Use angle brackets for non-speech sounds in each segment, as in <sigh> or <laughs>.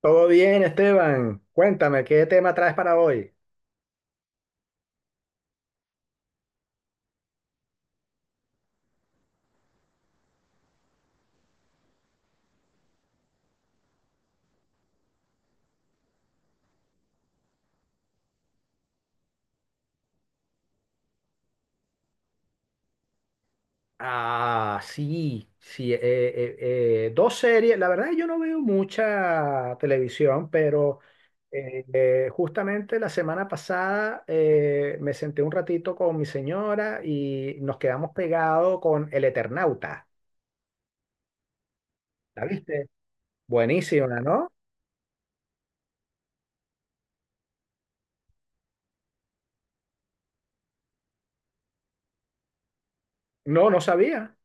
Todo bien, Esteban. Cuéntame, ¿qué tema traes para hoy? Ah, sí, sí. Dos series. La verdad, yo no veo mucha televisión, pero justamente la semana pasada me senté un ratito con mi señora y nos quedamos pegados con El Eternauta. ¿La viste? Buenísima, ¿no? No, no sabía.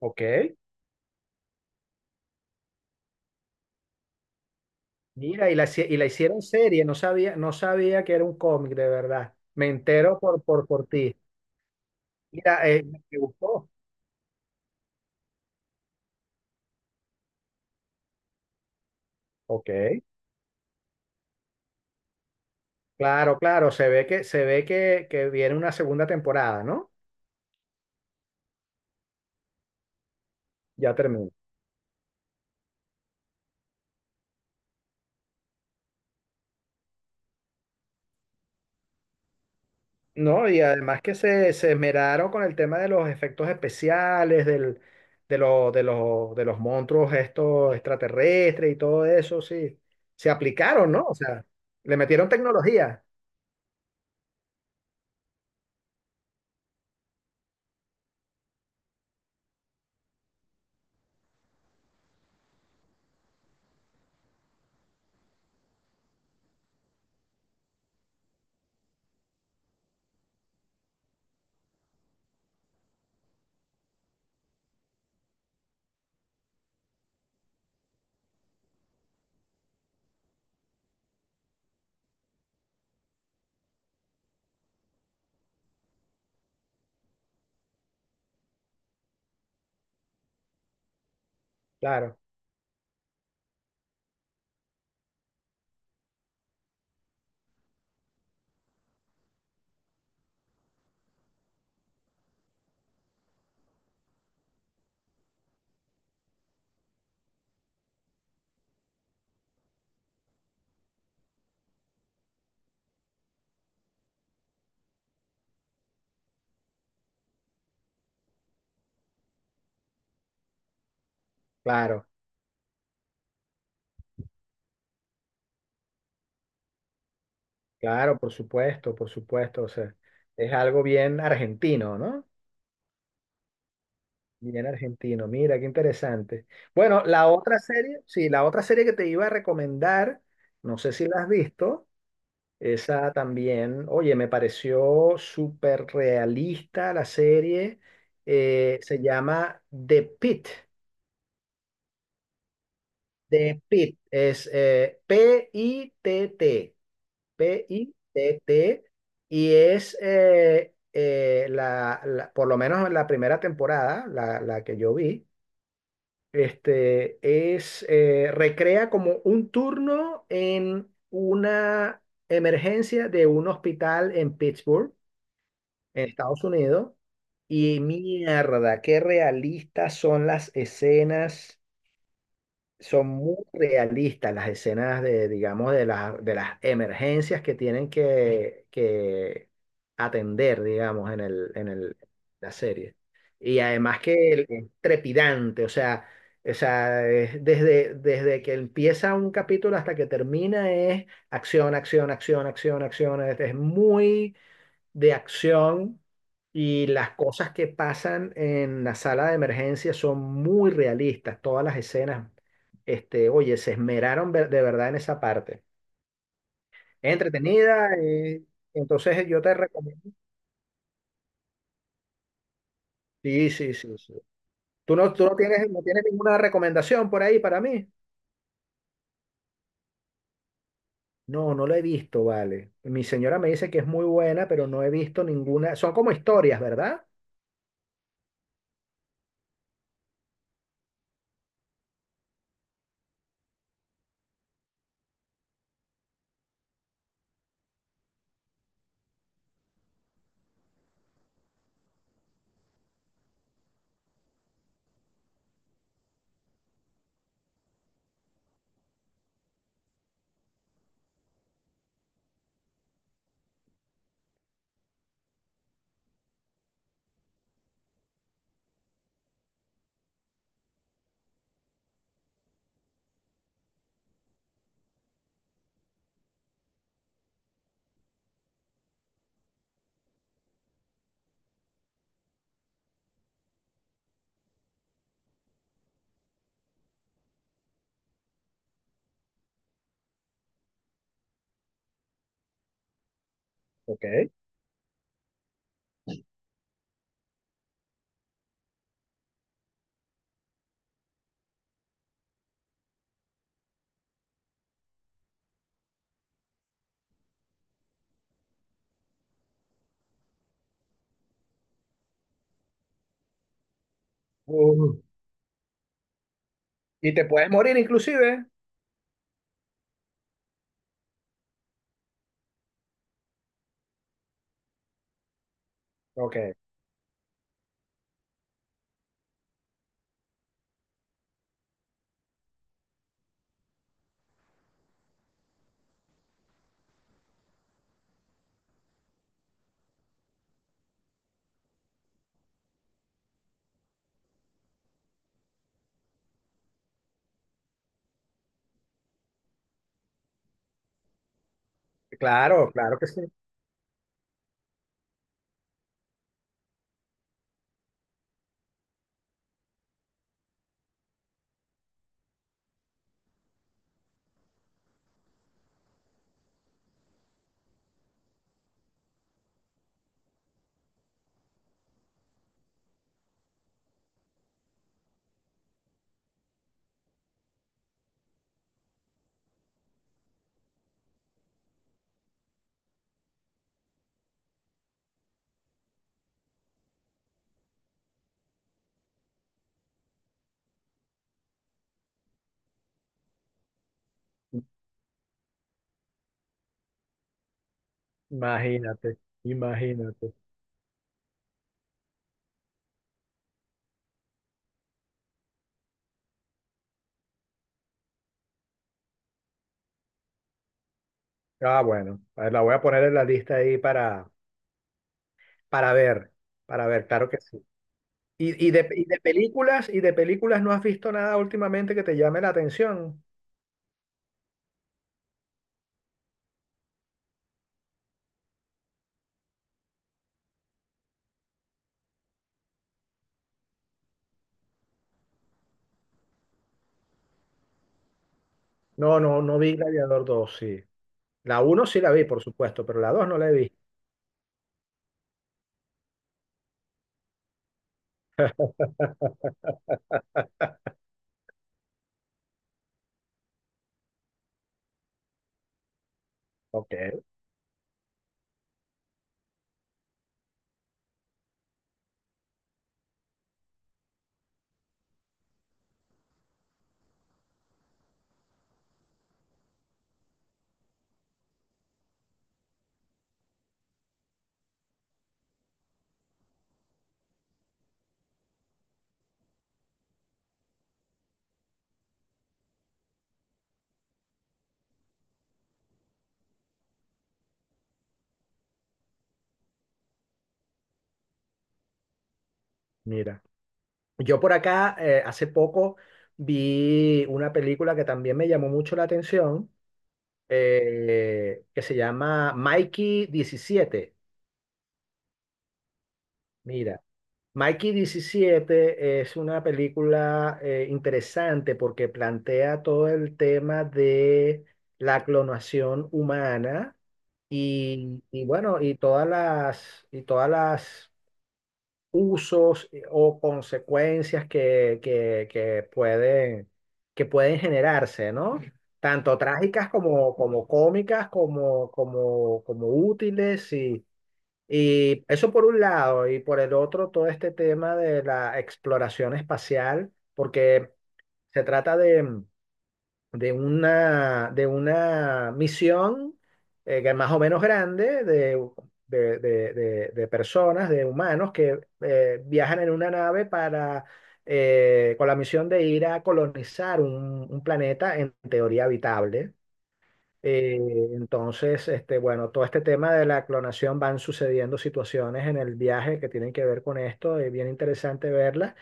Ok. Mira, y la hicieron serie, no sabía, no sabía que era un cómic, de verdad. Me entero por ti. Mira, me gustó. Ok, claro, claro, se ve que viene una segunda temporada, ¿no? Ya terminó. No, y además que se esmeraron con el tema de los efectos especiales, del, de, lo- de los monstruos estos extraterrestres y todo eso, sí. Se aplicaron, ¿no? O sea, le metieron tecnología. Claro, claro, claro, por supuesto, por supuesto. O sea, es algo bien argentino, ¿no? Bien argentino, mira, qué interesante. Bueno, la otra serie, sí, la otra serie que te iba a recomendar, no sé si la has visto, esa también, oye, me pareció súper realista la serie, se llama The Pit. The Pit, es Pitt, Pitt, y es por lo menos la primera temporada, la que yo vi. Este es recrea como un turno en una emergencia de un hospital en Pittsburgh, en Estados Unidos. Y mierda, qué realistas son las escenas, son muy realistas las escenas de, digamos, de las emergencias que tienen que atender, digamos, en el, la serie. Y además que el- es trepidante, o sea, es desde, desde que empieza un capítulo hasta que termina es acción, acción, acción, acción, acción. Es muy de acción y las cosas que pasan en la sala de emergencia son muy realistas. Todas las escenas, este, oye, se esmeraron de verdad en esa parte. Es entretenida, entonces yo te recomiendo. Sí, sí, sí, sí. Tú no tienes, No tienes ninguna recomendación por ahí para mí? No, no lo he visto, vale. Mi señora me dice que es muy buena, pero no he visto ninguna. Son como historias, ¿verdad? Ok. Uh, y te puedes morir inclusive. Ok. Claro, claro que sí. Imagínate, imagínate. Ah, bueno, a ver, la voy a poner en la lista ahí para ver, para ver, claro que sí. ¿Y de películas no has visto nada últimamente que te llame la atención? No, no, no vi Gladiador dos sí. La uno sí la vi, por supuesto, pero la 2 no la he visto. Ok, mira. Yo por acá hace poco vi una película que también me llamó mucho la atención, que se llama Mikey 17. Mira, Mikey 17 es una película interesante porque plantea todo el tema de la clonación humana y, y todas las usos o consecuencias que pueden generarse, ¿no? Tanto trágicas como, cómicas, como útiles y eso por un lado, y por el otro, todo este tema de la exploración espacial, porque se trata de una misión que es más o menos grande de personas, de humanos que viajan en una nave para, con la misión de ir a colonizar un planeta en teoría habitable. Eh, entonces, este, bueno, todo este tema de la clonación van sucediendo situaciones en el viaje que tienen que ver con esto, es bien interesante verlas.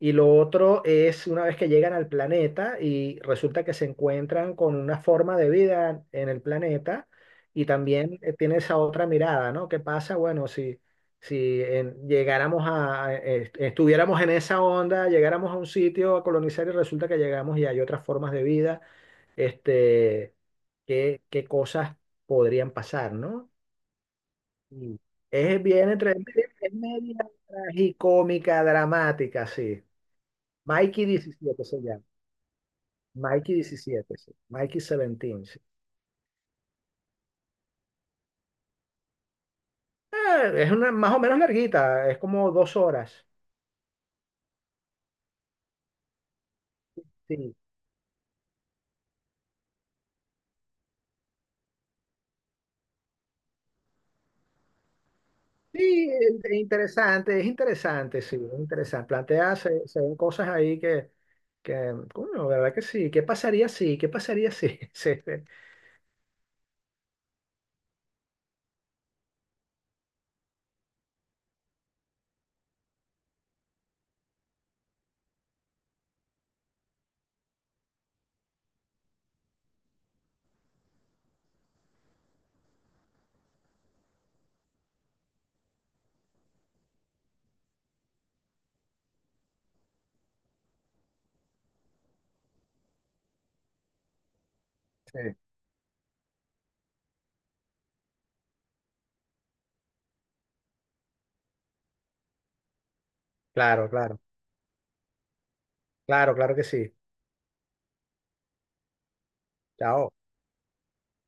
Y lo otro es una vez que llegan al planeta y resulta que se encuentran con una forma de vida en el planeta y también tiene esa otra mirada, ¿no? ¿Qué pasa? Bueno, si, si en- llegáramos a- est- estuviéramos en esa onda, llegáramos a un sitio a colonizar y resulta que llegamos y hay otras formas de vida este, qué cosas podrían pasar, ¿no? Y es bien entre media, es media tragicómica, dramática, sí. Mikey 17 se llama. Mikey diecisiete sí. Mikey 17, sí. Ah, es una más o menos larguita, es como 2 horas. Sí, sí, es interesante, sí, es interesante. Plantea, se ven cosas ahí coño, ¿verdad que sí? ¿Qué pasaría si? ¿Qué pasaría si? <laughs> Sí, sí, sí. Claro, claro. Claro, claro que sí. Chao.